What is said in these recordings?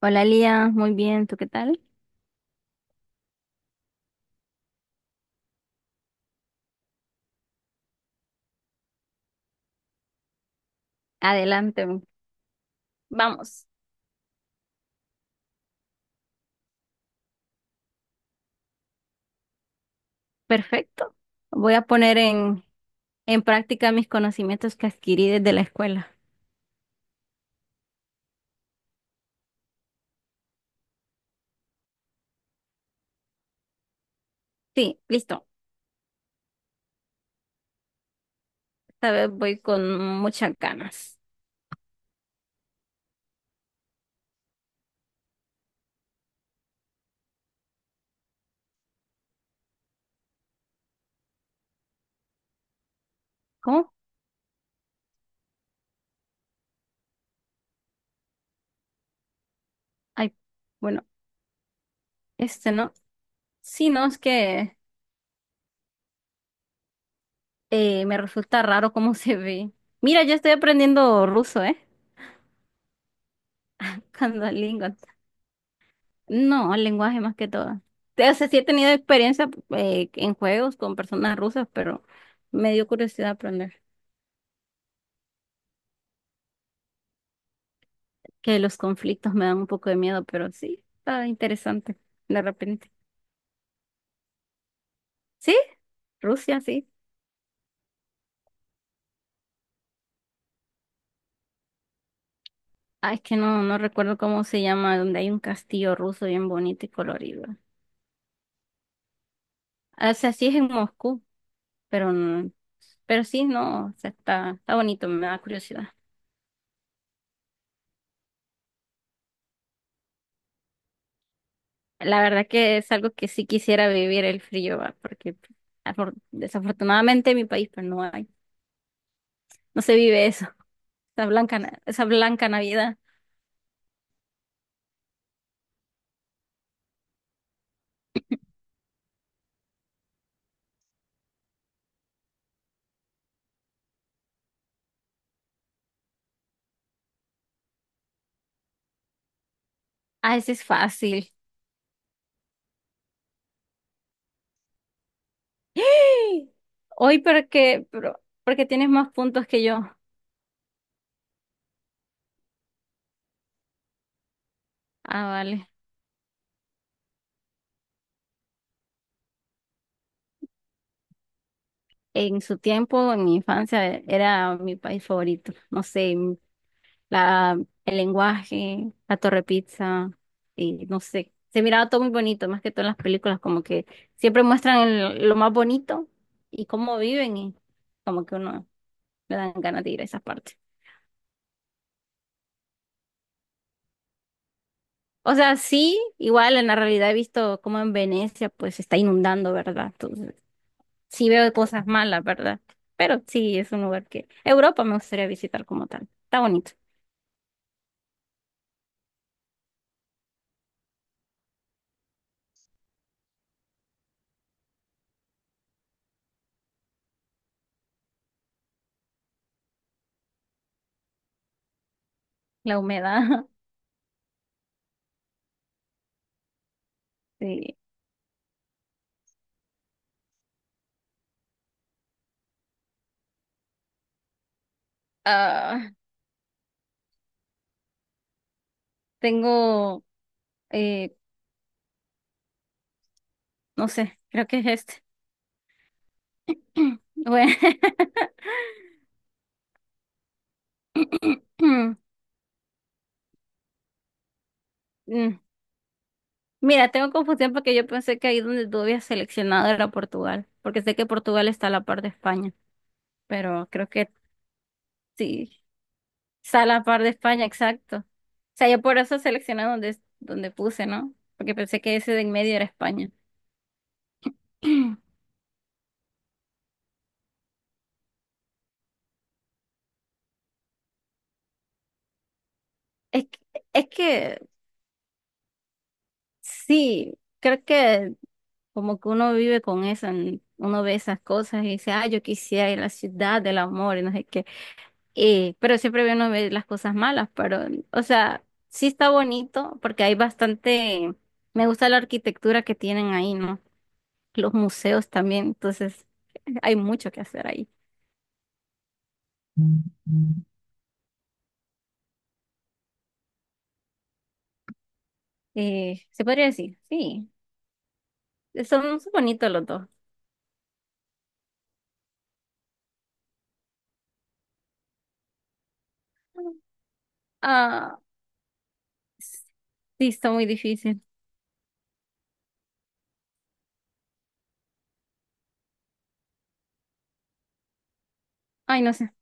Hola Lía, muy bien, ¿tú qué tal? Adelante, vamos, perfecto. Voy a poner en práctica mis conocimientos que adquirí desde la escuela. Sí, listo. Esta vez voy con muchas ganas. ¿Cómo? Ay, bueno, este no. Sí, no, es que me resulta raro cómo se ve. Mira, yo estoy aprendiendo ruso, ¿eh? Buscando lingua. No, lenguaje más que todo. O sea, sí he tenido experiencia en juegos con personas rusas, pero me dio curiosidad aprender. Que los conflictos me dan un poco de miedo, pero sí, está interesante de repente. ¿Sí? Rusia, sí. Ah, es que no recuerdo cómo se llama, donde hay un castillo ruso bien bonito y colorido. O sea, sí es en Moscú, pero pero sí, no, o sea, está bonito, me da curiosidad. La verdad que es algo que sí quisiera vivir el frío, va, porque desafortunadamente en mi país pues no hay, no se vive eso, esa blanca Navidad. Ah, ese es fácil. ¡Ah! Hoy porque, pero, porque tienes más puntos que yo. Ah, vale. En su tiempo, en mi infancia, era mi país favorito. No sé, la, el lenguaje, la torre pizza, y no sé. Se miraba todo muy bonito, más que todo en las películas, como que siempre muestran lo más bonito y cómo viven, y como que uno le dan ganas de ir a esas partes. O sea, sí, igual en la realidad he visto cómo en Venecia pues se está inundando, ¿verdad? Sí veo cosas malas, ¿verdad? Pero sí, es un lugar que Europa me gustaría visitar como tal. Está bonito. La humedad, sí. Ah, tengo, eh, no sé, creo que es este. Bueno, mm, mira, tengo confusión porque yo pensé que ahí donde tú habías seleccionado era Portugal, porque sé que Portugal está a la par de España, pero creo que sí, está a la par de España, exacto. O sea, yo por eso seleccioné donde puse, ¿no? Porque pensé que ese de en medio era España. Es que, es que sí, creo que como que uno vive con eso, uno ve esas cosas y dice, ah, yo quisiera ir a la ciudad del amor y no sé qué. Pero siempre uno ve las cosas malas, pero, o sea, sí está bonito porque hay bastante, me gusta la arquitectura que tienen ahí, ¿no? Los museos también, entonces hay mucho que hacer ahí. Se podría decir, sí, son bonitos los dos. Ah, sí, está muy difícil. Ay, no sé.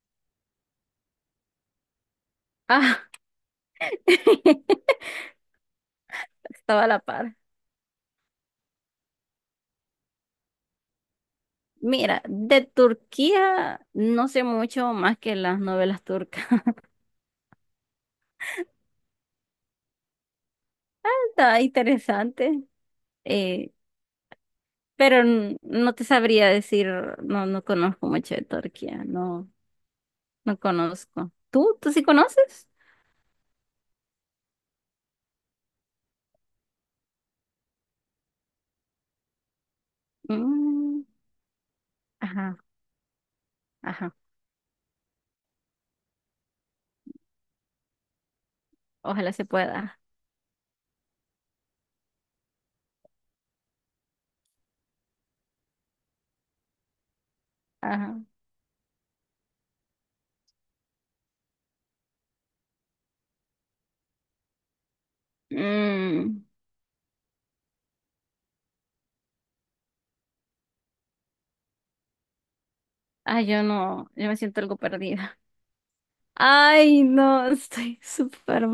Ah, estaba a la par. Mira, de Turquía no sé mucho más que las novelas turcas. Está interesante, eh, pero no te sabría decir, no, no conozco mucho de Turquía, no, no conozco. ¿Tú? ¿Tú sí conoces? Mm, ajá, ajá, ojalá se pueda. Ajá. Mm, ay, yo no, yo me siento algo perdida. Ay, no, estoy súper.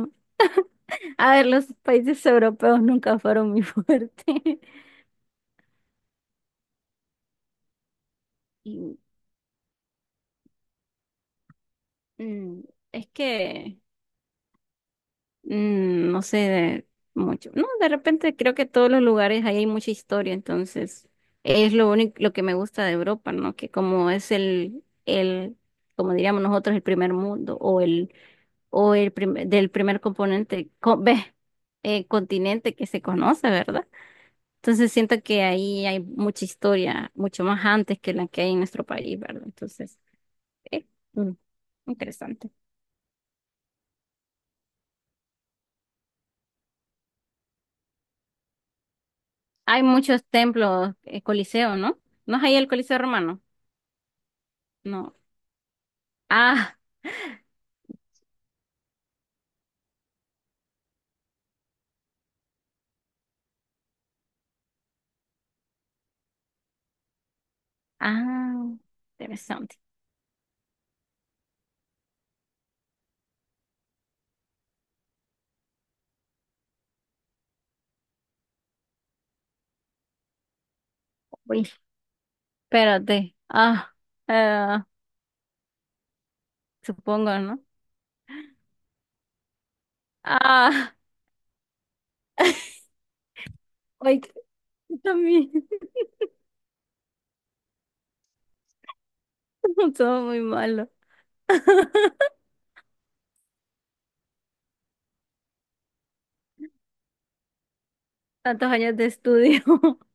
A ver, los países europeos nunca fueron mi fuerte. Y, mm, es que mm, no sé de mucho. No, de repente creo que todos los lugares ahí hay mucha historia, entonces es lo único, lo que me gusta de Europa, ¿no? Que como es el, como diríamos nosotros, el primer mundo o el del primer componente, ve, continente que se conoce, ¿verdad? Entonces siento que ahí hay mucha historia, mucho más antes que la que hay en nuestro país, ¿verdad? Entonces, eh, mm, interesante. Hay muchos templos, Coliseo, ¿no? ¿No es ahí el Coliseo Romano? No. Ah, ah, interesante. Uy, espérate. Ah, eh, supongo, ¿no? Ah, ay, yo también, todo muy malo. Tantos años de estudio.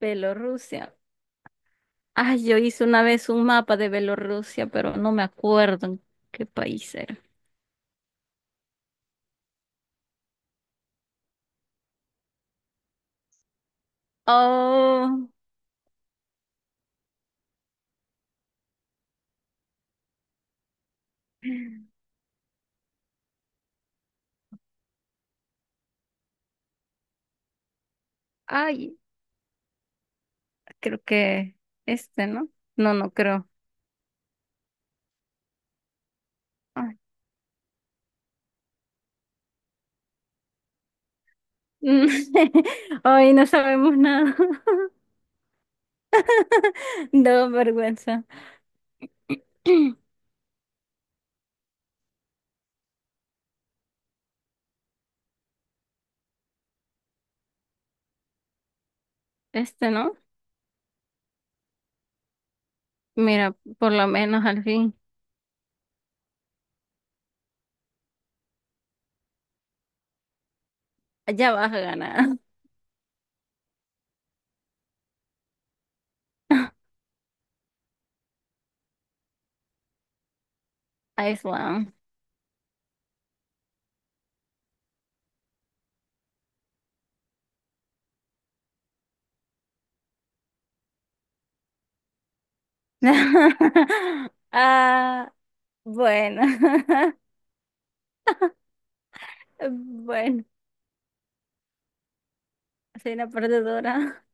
Bielorrusia. Ay, yo hice una vez un mapa de Bielorrusia, pero no me acuerdo en qué país era. Oh, ay, creo que este, ¿no? No, no creo. Ay, ay, no sabemos nada. Da vergüenza. Este, ¿no? Mira, por lo menos al fin. Ya vas a ganar. Iceland. Ah, bueno. Bueno, soy una perdedora.